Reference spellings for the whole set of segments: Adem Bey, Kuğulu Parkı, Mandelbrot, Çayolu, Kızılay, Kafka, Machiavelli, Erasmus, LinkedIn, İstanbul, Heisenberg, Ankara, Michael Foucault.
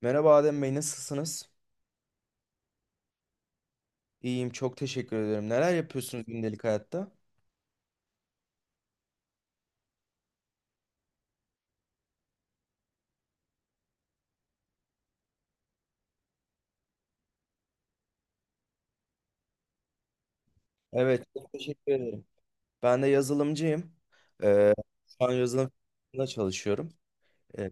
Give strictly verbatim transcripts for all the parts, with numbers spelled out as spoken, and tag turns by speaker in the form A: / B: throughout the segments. A: Merhaba Adem Bey, nasılsınız? İyiyim, çok teşekkür ederim. Neler yapıyorsunuz gündelik hayatta? Evet, çok teşekkür ederim. Ben de yazılımcıyım. Ee, Şu an yazılım firmasında çalışıyorum. Ee,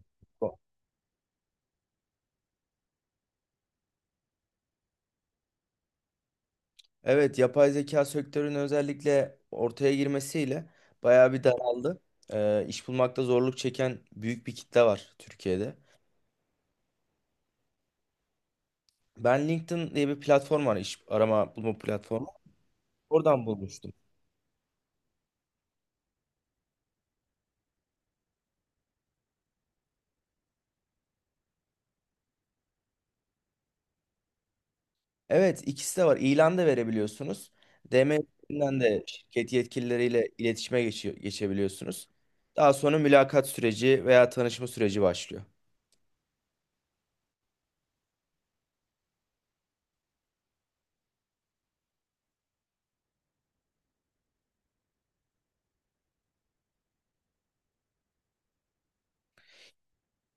A: evet, yapay zeka sektörünün özellikle ortaya girmesiyle bayağı bir daraldı. Ee, iş bulmakta zorluk çeken büyük bir kitle var Türkiye'de. Ben LinkedIn diye bir platform var, iş arama bulma platformu. Oradan bulmuştum. Evet, ikisi de var. İlan da verebiliyorsunuz. D M üzerinden de şirket yetkilileriyle iletişime geçi- geçebiliyorsunuz. Daha sonra mülakat süreci veya tanışma süreci başlıyor.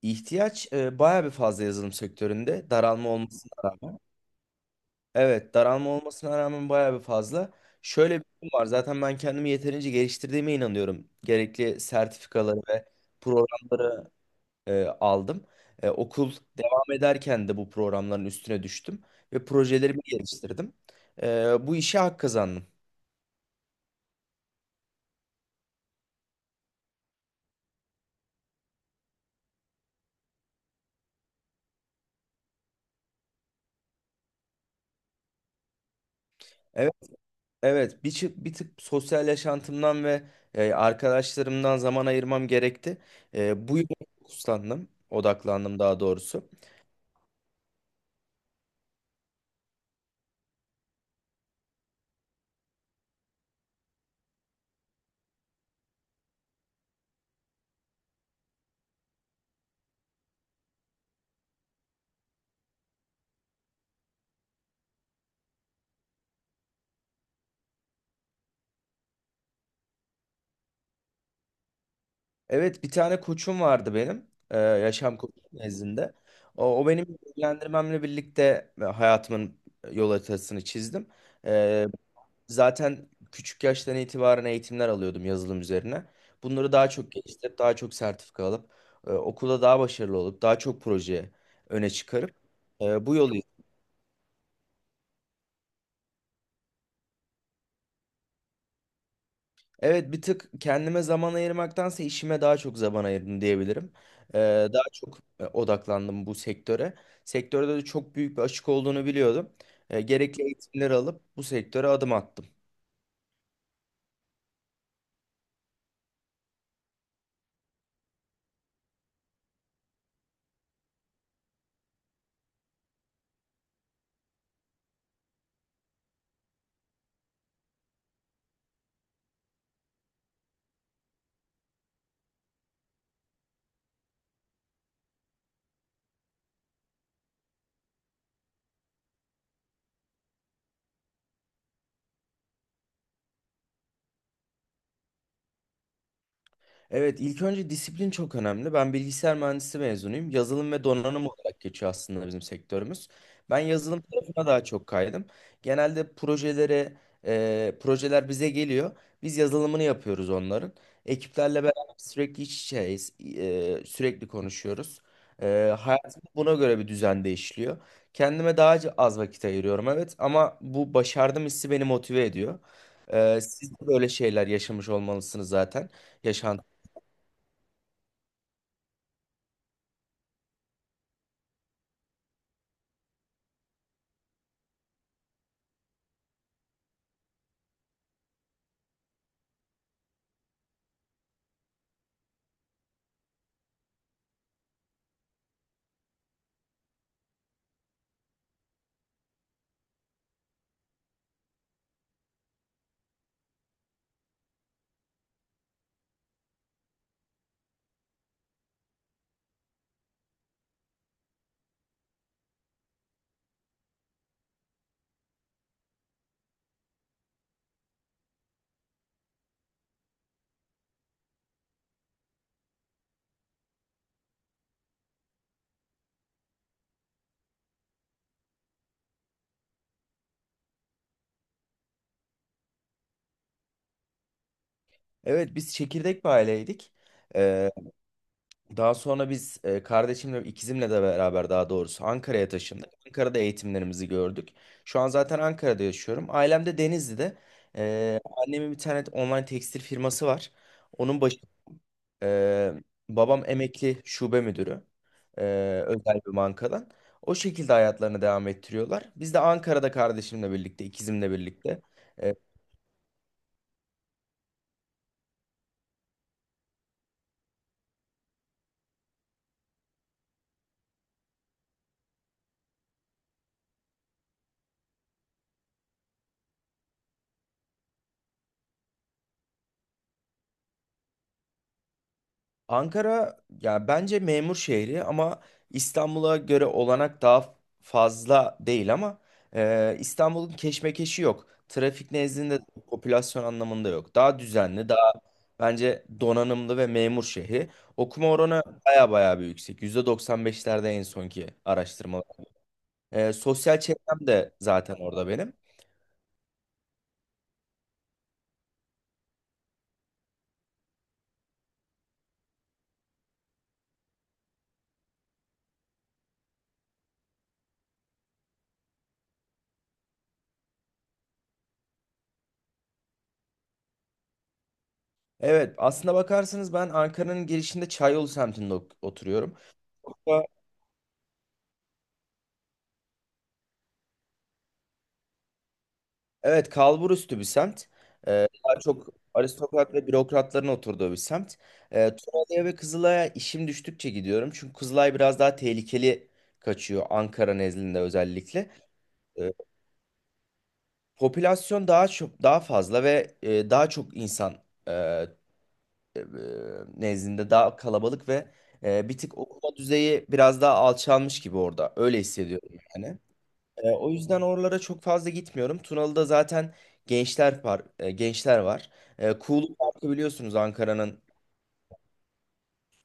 A: İhtiyaç e, bayağı bir fazla yazılım sektöründe. Daralma olmasına rağmen. Evet, daralma olmasına rağmen bayağı bir fazla. Şöyle bir durum var. Zaten ben kendimi yeterince geliştirdiğime inanıyorum. Gerekli sertifikaları ve programları e, aldım. E, okul devam ederken de bu programların üstüne düştüm ve projelerimi geliştirdim. E, bu işe hak kazandım. Evet, evet bir, çı- bir tık sosyal yaşantımdan ve e, arkadaşlarımdan zaman ayırmam gerekti. E, bu yola fokuslandım, odaklandım daha doğrusu. Evet, bir tane koçum vardı benim, e, yaşam koçum nezdinde. O, o benim yönlendirmemle birlikte hayatımın yol haritasını çizdim. Zaten küçük yaştan itibaren eğitimler alıyordum yazılım üzerine. Bunları daha çok geliştirip, daha çok sertifika alıp, e, okulda daha başarılı olup, daha çok proje öne çıkarıp e, bu yolu... Evet bir tık kendime zaman ayırmaktansa işime daha çok zaman ayırdım diyebilirim. E, Daha çok e, odaklandım bu sektöre. Sektörde de çok büyük bir açık olduğunu biliyordum. E, gerekli eğitimleri alıp bu sektöre adım attım. Evet, ilk önce disiplin çok önemli. Ben bilgisayar mühendisi mezunuyum. Yazılım ve donanım olarak geçiyor aslında bizim sektörümüz. Ben yazılım tarafına daha çok kaydım. Genelde projelere, e, Projeler bize geliyor. Biz yazılımını yapıyoruz onların. Ekiplerle beraber sürekli iç içeyiz, e, sürekli konuşuyoruz. E, hayatım buna göre bir düzen değişiyor. Kendime daha az vakit ayırıyorum, evet. Ama bu başardım hissi beni motive ediyor. E, siz de böyle şeyler yaşamış olmalısınız zaten. Yaşantı evet biz çekirdek bir aileydik. Ee, Daha sonra biz e, kardeşimle ikizimle de beraber daha doğrusu Ankara'ya taşındık. Ankara'da eğitimlerimizi gördük. Şu an zaten Ankara'da yaşıyorum. Ailem de Denizli'de. Ee, annemin bir tane online tekstil firması var. Onun başı e, Babam emekli şube müdürü. e, Özel bir bankadan. O şekilde hayatlarını devam ettiriyorlar. Biz de Ankara'da kardeşimle birlikte, ikizimle birlikte. Ankara ya bence memur şehri ama İstanbul'a göre olanak daha fazla değil ama e, İstanbul'un keşmekeşi yok. Trafik nezdinde popülasyon anlamında yok. Daha düzenli, daha bence donanımlı ve memur şehri. Okuma oranı baya baya bir yüksek. yüzde doksan beşlerde en sonki araştırmalar. E, sosyal çevrem de zaten orada benim. Evet, aslında bakarsanız ben Ankara'nın girişinde Çayolu semtinde ok- oturuyorum. Evet, kalburüstü bir semt. Ee, daha çok aristokrat ve bürokratların oturduğu bir semt. Ee, Tunalı'ya ve Kızılay'a işim düştükçe gidiyorum. Çünkü Kızılay biraz daha tehlikeli kaçıyor Ankara nezdinde özellikle. Ee, Popülasyon daha çok daha fazla ve e, daha çok insan e, e, nezdinde daha kalabalık ve e, bir tık okuma düzeyi biraz daha alçalmış gibi orada. Öyle hissediyorum yani. E, o yüzden oralara çok fazla gitmiyorum. Tunalı'da zaten gençler par e, gençler var. E, Kuğulu Parkı biliyorsunuz Ankara'nın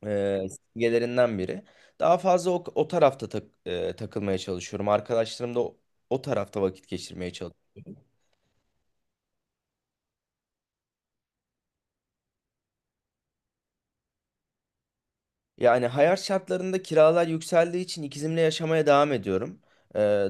A: e, simgelerinden biri. Daha fazla o, o tarafta tak- e, takılmaya çalışıyorum. Arkadaşlarım da o, o tarafta vakit geçirmeye çalışıyorum. Yani hayat şartlarında kiralar yükseldiği için ikizimle yaşamaya devam ediyorum. E,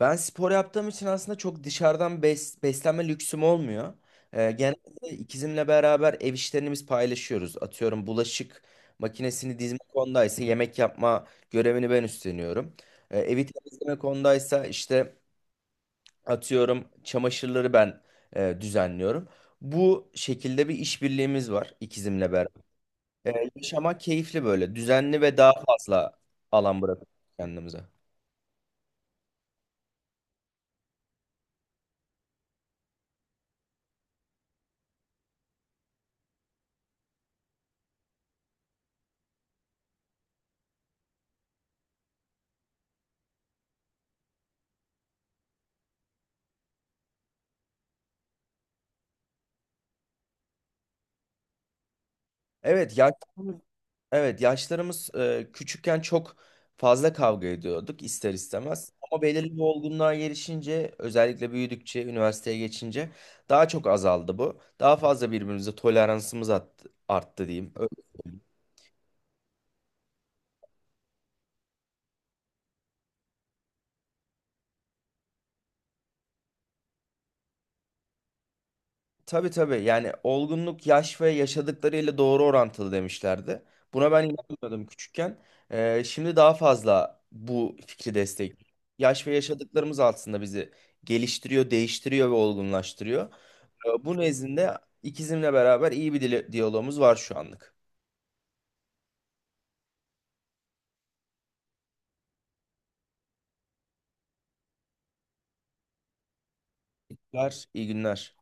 A: Ben spor yaptığım için aslında çok dışarıdan bes- beslenme lüksüm olmuyor. Ee, genelde ikizimle beraber ev işlerini biz paylaşıyoruz. Atıyorum bulaşık makinesini dizme konudaysa yemek yapma görevini ben üstleniyorum. Ee, evi temizleme konudaysa işte atıyorum çamaşırları ben e, düzenliyorum. Bu şekilde bir işbirliğimiz var ikizimle beraber. Ee, yaşamak keyifli böyle düzenli ve daha fazla alan bırakıyoruz kendimize. Evet ya, evet, yaşlarımız e, küçükken çok fazla kavga ediyorduk ister istemez. Ama belirli bir olgunluğa gelişince, özellikle büyüdükçe, üniversiteye geçince daha çok azaldı bu. Daha fazla birbirimize toleransımız arttı, arttı diyeyim. Öyle. Tabii tabii. Yani olgunluk yaş ve yaşadıklarıyla doğru orantılı demişlerdi. Buna ben inanmıyordum küçükken. Ee, şimdi daha fazla bu fikri destek. Yaş ve yaşadıklarımız aslında bizi geliştiriyor, değiştiriyor ve olgunlaştırıyor. Ee, bu nezdinde ikizimle beraber iyi bir dile- diyalogumuz var şu anlık. İyi günler, iyi günler.